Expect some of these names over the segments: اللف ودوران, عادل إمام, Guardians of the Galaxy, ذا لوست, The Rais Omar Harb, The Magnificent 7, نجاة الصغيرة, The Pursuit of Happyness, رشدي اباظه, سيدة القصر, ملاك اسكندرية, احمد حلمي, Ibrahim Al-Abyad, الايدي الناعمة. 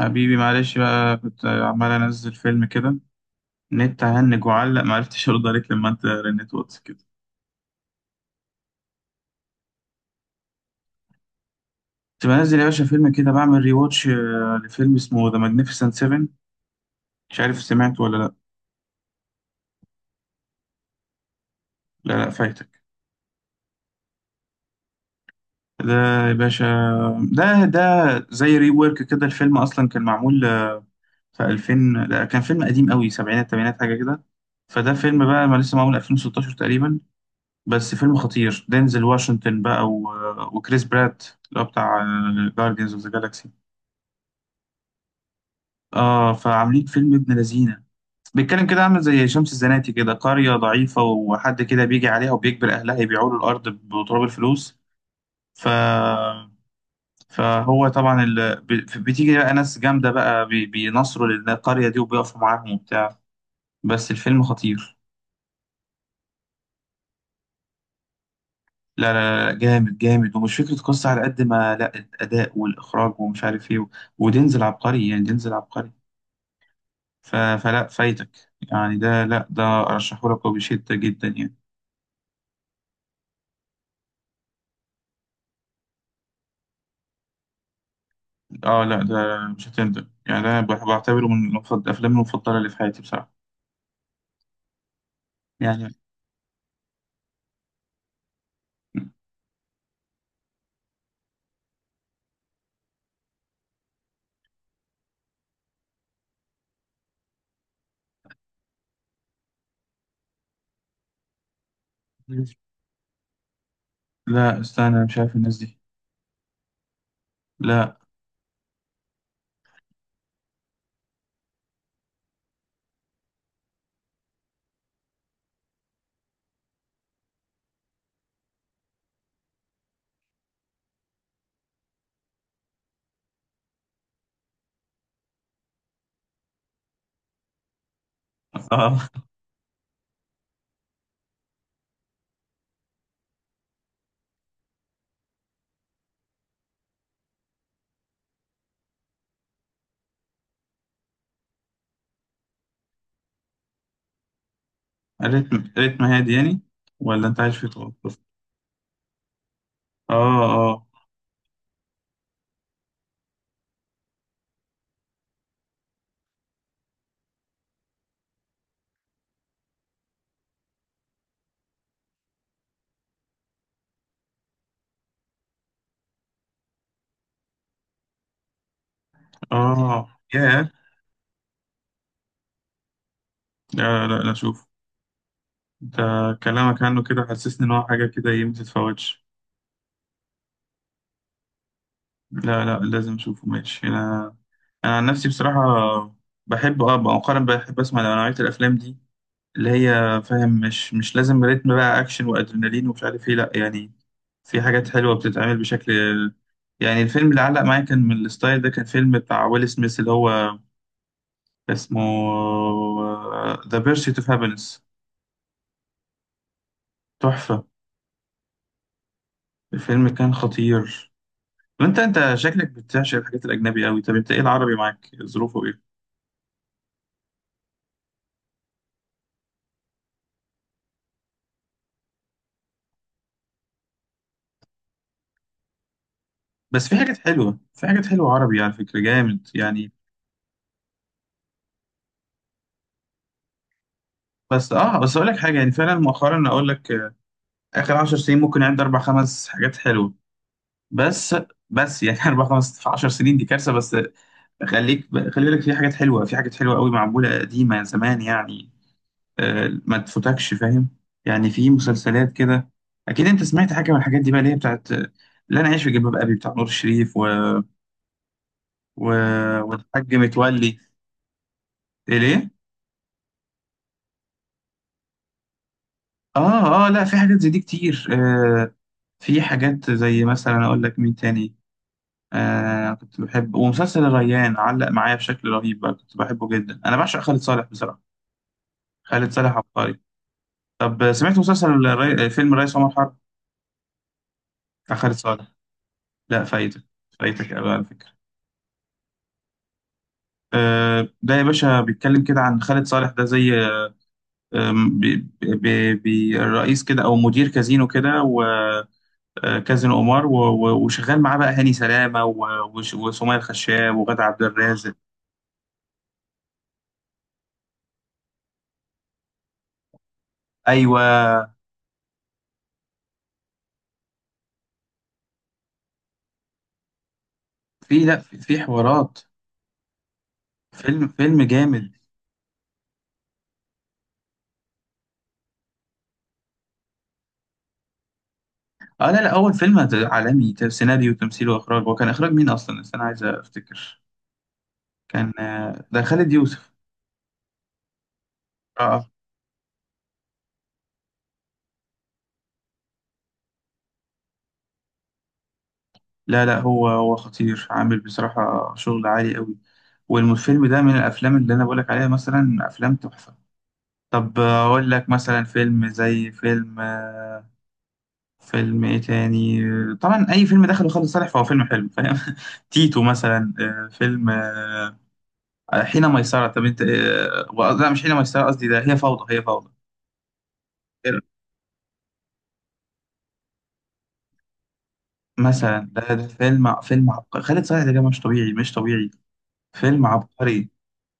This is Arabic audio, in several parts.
حبيبي، معلش بقى، كنت عمال انزل فيلم كده. نت هنج وعلق، معرفتش ارد عليك لما انت رنيت واتس كده. كنت بنزل يا باشا فيلم كده، بعمل ري واتش لفيلم اسمه ذا ماجنيفيسنت 7. مش عارف سمعت ولا لا. لا، لا، فايتك. ده يا باشا، ده زي ري وورك كده. الفيلم اصلا كان معمول في 2000. لا، كان فيلم قديم قوي، سبعينات تمانينات حاجه كده. فده فيلم بقى ما لسه معمول 2016 تقريبا. بس فيلم خطير، دينزل واشنطن بقى وكريس برات اللي هو بتاع جارديانز اوف ذا جالاكسي. اه، فعاملين فيلم ابن لذينه. بيتكلم كده عامل زي شمس الزناتي كده، قرية ضعيفة وحد كده بيجي عليها وبيجبر أهلها يبيعوا له الأرض بتراب الفلوس. ف... فهو طبعا بتيجي بقى ناس جامدة بقى بينصروا للقرية دي وبيقفوا معاهم وبتاع. بس الفيلم خطير. لا لا لا، جامد جامد، ومش فكرة قصة على قد ما لا الأداء والإخراج ومش عارف إيه ودينزل عبقري، يعني دينزل عبقري. ف... فلا، فايتك. يعني ده، لا، ده أرشحه لك وبشدة جدا يعني. آه لا، ده مش هتندم، يعني ده بعتبره من المفضل الأفلام المفضلة اللي في حياتي بصراحة. يعني لا، استنى، أنا مش عارف الناس دي. لا. آه. ريتم هادي يعني، ولا أنت عايش في طوب؟ آه، آه. آه يا. لا لا لا، شوف، انت كلامك عنه كده حسسني ان هو حاجه كده ايه ما تتفوتش. لا، لا، لازم اشوفه ماشي انا. انا عن نفسي بصراحه، بحب مؤخرا بحب اسمع نوعيه الافلام دي، اللي هي فاهم مش لازم ريتم بقى اكشن وادرينالين ومش عارف ايه، لا يعني. في حاجات حلوه بتتعمل بشكل، يعني الفيلم اللي علق معايا كان من الستايل ده، كان فيلم بتاع ويل سميث اللي هو اسمه ذا بيرسيت اوف هابينس. تحفه. الفيلم كان خطير. وانت شكلك بتعشق الحاجات الاجنبي قوي. طب انت ايه، العربي معاك ظروفه ايه؟ بس في حاجات حلوه، في حاجات حلوه عربي على فكره جامد يعني. بس اقول لك حاجه، يعني فعلا مؤخرا اقول لك اخر 10 سنين ممكن عندي اربع خمس حاجات حلوه بس. بس يعني اربع خمس في 10 سنين دي كارثه. بس خلي بالك، في حاجات حلوه، في حاجات حلوه قوي معموله قديمه يعني زمان يعني. ما تفوتكش فاهم. يعني في مسلسلات كده، اكيد انت سمعت حاجه من الحاجات دي بقى اللي هي بتاعت لا انا عايش في جلباب ابي بتاع نور الشريف و... والحاج متولي. إيه ليه؟ اه، اه، لا في حاجات زي دي كتير في حاجات زي مثلا، اقول لك مين تاني. كنت بحب، ومسلسل الريان علق معايا بشكل رهيب بقى، كنت بحبه جدا، انا بعشق خالد صالح بصراحة. خالد صالح عبقري. طب سمعت فيلم الريس عمر حرب بتاع خالد صالح؟ لا، فايتك. فايتك قوي على فكرة. ده يا باشا بيتكلم كده عن خالد صالح. ده زي آم، بي... بي... بي... رئيس كده او مدير كازينو كده. كاظم قمار وشغال معاه بقى هاني سلامه وسمية الخشاب وغادة عبد الرازق. ايوه، في. لا، في حوارات. فيلم جامد. اه، لا لا، اول فيلم عالمي سيناريو وتمثيل واخراج. هو كان اخراج مين اصلا؟ بس انا عايز افتكر. كان ده خالد يوسف. اه. آه. لا لا، هو خطير، عامل بصراحه شغل عالي قوي. والفيلم ده من الافلام اللي انا بقولك عليها، مثلا افلام تحفه. طب اقول لك مثلا فيلم زي فيلم فيلم ايه تاني؟ طبعا اي فيلم دخله خالد صالح فهو فيلم حلو فاهم. تيتو مثلا، فيلم حين ميسرة. طب انت لا مش حين ميسرة قصدي، ده هي فوضى، هي فوضى. إيه رأيك؟ مثلا ده, فيلم عبقري، خالد صالح ده جاي مش طبيعي مش طبيعي. فيلم عبقري.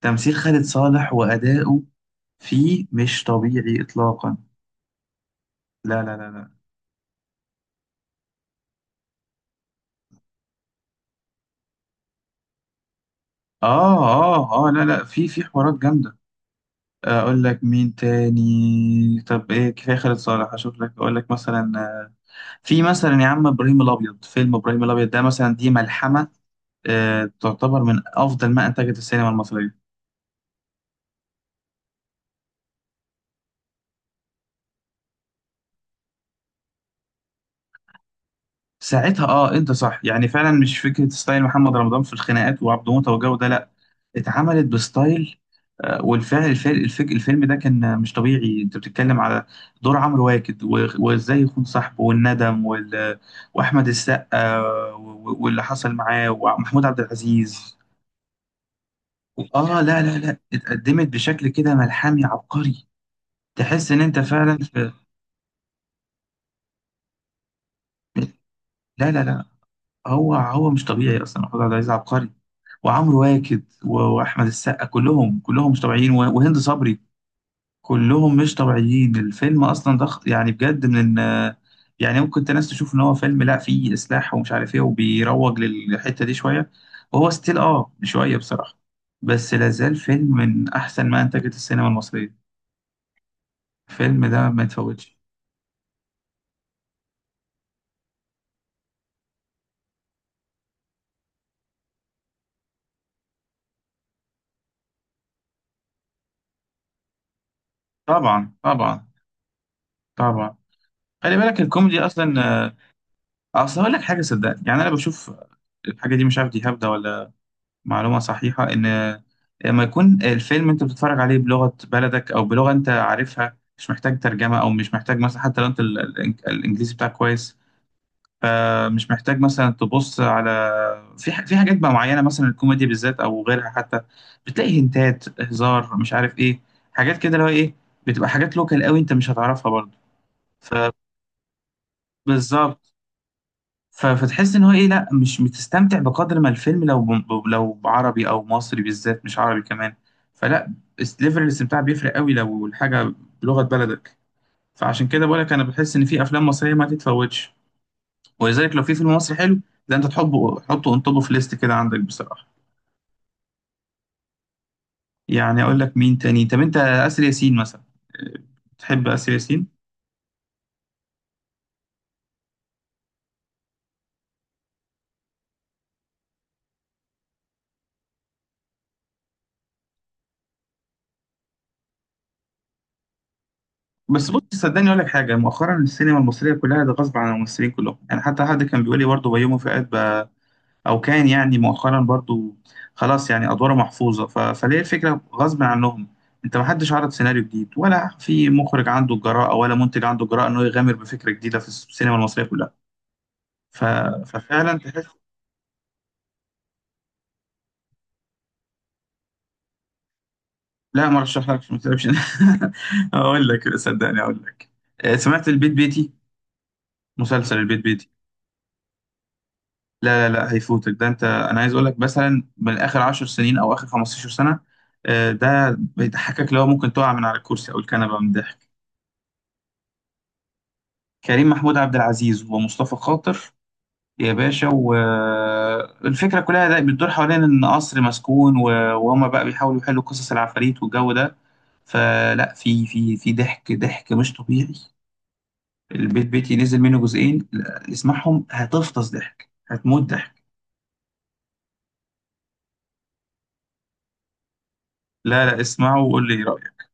تمثيل خالد صالح وأداؤه فيه مش طبيعي إطلاقا. لا لا لا لا. اه، اه، اه، لا لا، في حوارات جامدة. اقول لك مين تاني؟ طب ايه، كفاية خالد صالح اشوف لك. اقول لك مثلا في مثلا يا عم ابراهيم الابيض. فيلم ابراهيم الابيض ده مثلا دي ملحمه، تعتبر من افضل ما انتجت السينما المصريه. ساعتها انت صح يعني، فعلا مش فكره ستايل محمد رمضان في الخناقات وعبد موته والجو ده، لا، اتعملت بستايل. الفيلم ده كان مش طبيعي. انت بتتكلم على دور عمرو واكد وازاي يخون صاحبه والندم واحمد السقا واللي حصل معاه ومحمود عبد العزيز. اه، لا لا لا، اتقدمت بشكل كده ملحمي عبقري. تحس ان انت فعلا في. لا لا لا، هو مش طبيعي اصلا. محمود عبد العزيز عبقري. وعمرو واكد واحمد السقا كلهم كلهم مش طبيعيين وهند صبري. كلهم مش طبيعيين. الفيلم اصلا ضخ يعني بجد من، يعني ممكن انت ناس تشوف ان هو فيلم لا فيه اسلاح ومش عارف ايه وبيروج للحته دي شويه، وهو ستيل شويه بصراحه. بس لازال فيلم من احسن ما انتجت السينما المصريه. الفيلم ده ما يتفوتش. طبعا طبعا طبعا. خلي بالك الكوميدي اصلا، اصل هقول لك حاجه صدقني. يعني انا بشوف الحاجه دي، مش عارف دي هبده ولا معلومه صحيحه، ان لما يكون الفيلم انت بتتفرج عليه بلغه بلدك او بلغه انت عارفها، مش محتاج ترجمه، او مش محتاج مثلا، حتى لو انت الانجليزي بتاعك كويس، فمش محتاج مثلا تبص على، في في حاجات بقى معينه مثلا الكوميدي بالذات او غيرها حتى، بتلاقي هنتات هزار مش عارف ايه حاجات كده اللي هو ايه، بتبقى حاجات لوكال قوي انت مش هتعرفها برضه. فبالظبط. فتحس ان هو ايه، لا مش بتستمتع بقدر ما الفيلم لو لو عربي او مصري بالذات، مش عربي كمان. فلا، بس ليفل الاستمتاع بيفرق قوي لو الحاجه بلغه بلدك. فعشان كده بقولك انا بحس ان في افلام مصريه ما تتفوتش. ولذلك لو في فيلم مصري حلو، ده انت تحبه، حطه اون توب اوف ليست كده عندك بصراحه. يعني اقول لك مين تاني؟ طب انت اسر ياسين مثلا، أه، تحب اسر ياسين؟ بس بص، صدقني اقول لك حاجه، مؤخرا السينما المصريه كلها ده غصب عن الممثلين كلهم يعني، حتى حد كان بيقول لي برضه بيومي فؤاد بقى، او كان، يعني مؤخرا برضو خلاص، يعني ادواره محفوظه. فليه؟ الفكره غصب عنهم، انت ما حدش عرض سيناريو جديد، ولا في مخرج عنده الجراءه، ولا منتج عنده الجراءه انه يغامر بفكره جديده في السينما المصريه كلها. ف... ففعلا تحس. لا، ما رشحلكش ما تكذبش. اقول لك صدقني، اقول لك سمعت البيت بيتي؟ مسلسل البيت بيتي؟ لا لا لا، هيفوتك ده. انت، انا عايز اقول لك مثلا من اخر 10 سنين او اخر 15 سنه، ده بيضحكك لو ممكن تقع من على الكرسي او الكنبه من الضحك. كريم محمود عبد العزيز ومصطفى خاطر يا باشا، والفكرة كلها ده بتدور حوالين إن قصر مسكون وهما بقى بيحاولوا يحلوا قصص العفاريت والجو ده. فلا، في ضحك ضحك مش طبيعي. البيت بيتي نزل منه جزئين، لا، اسمعهم هتفطس ضحك، هتموت ضحك. لا، لا، اسمعه وقول لي إيه رأيك.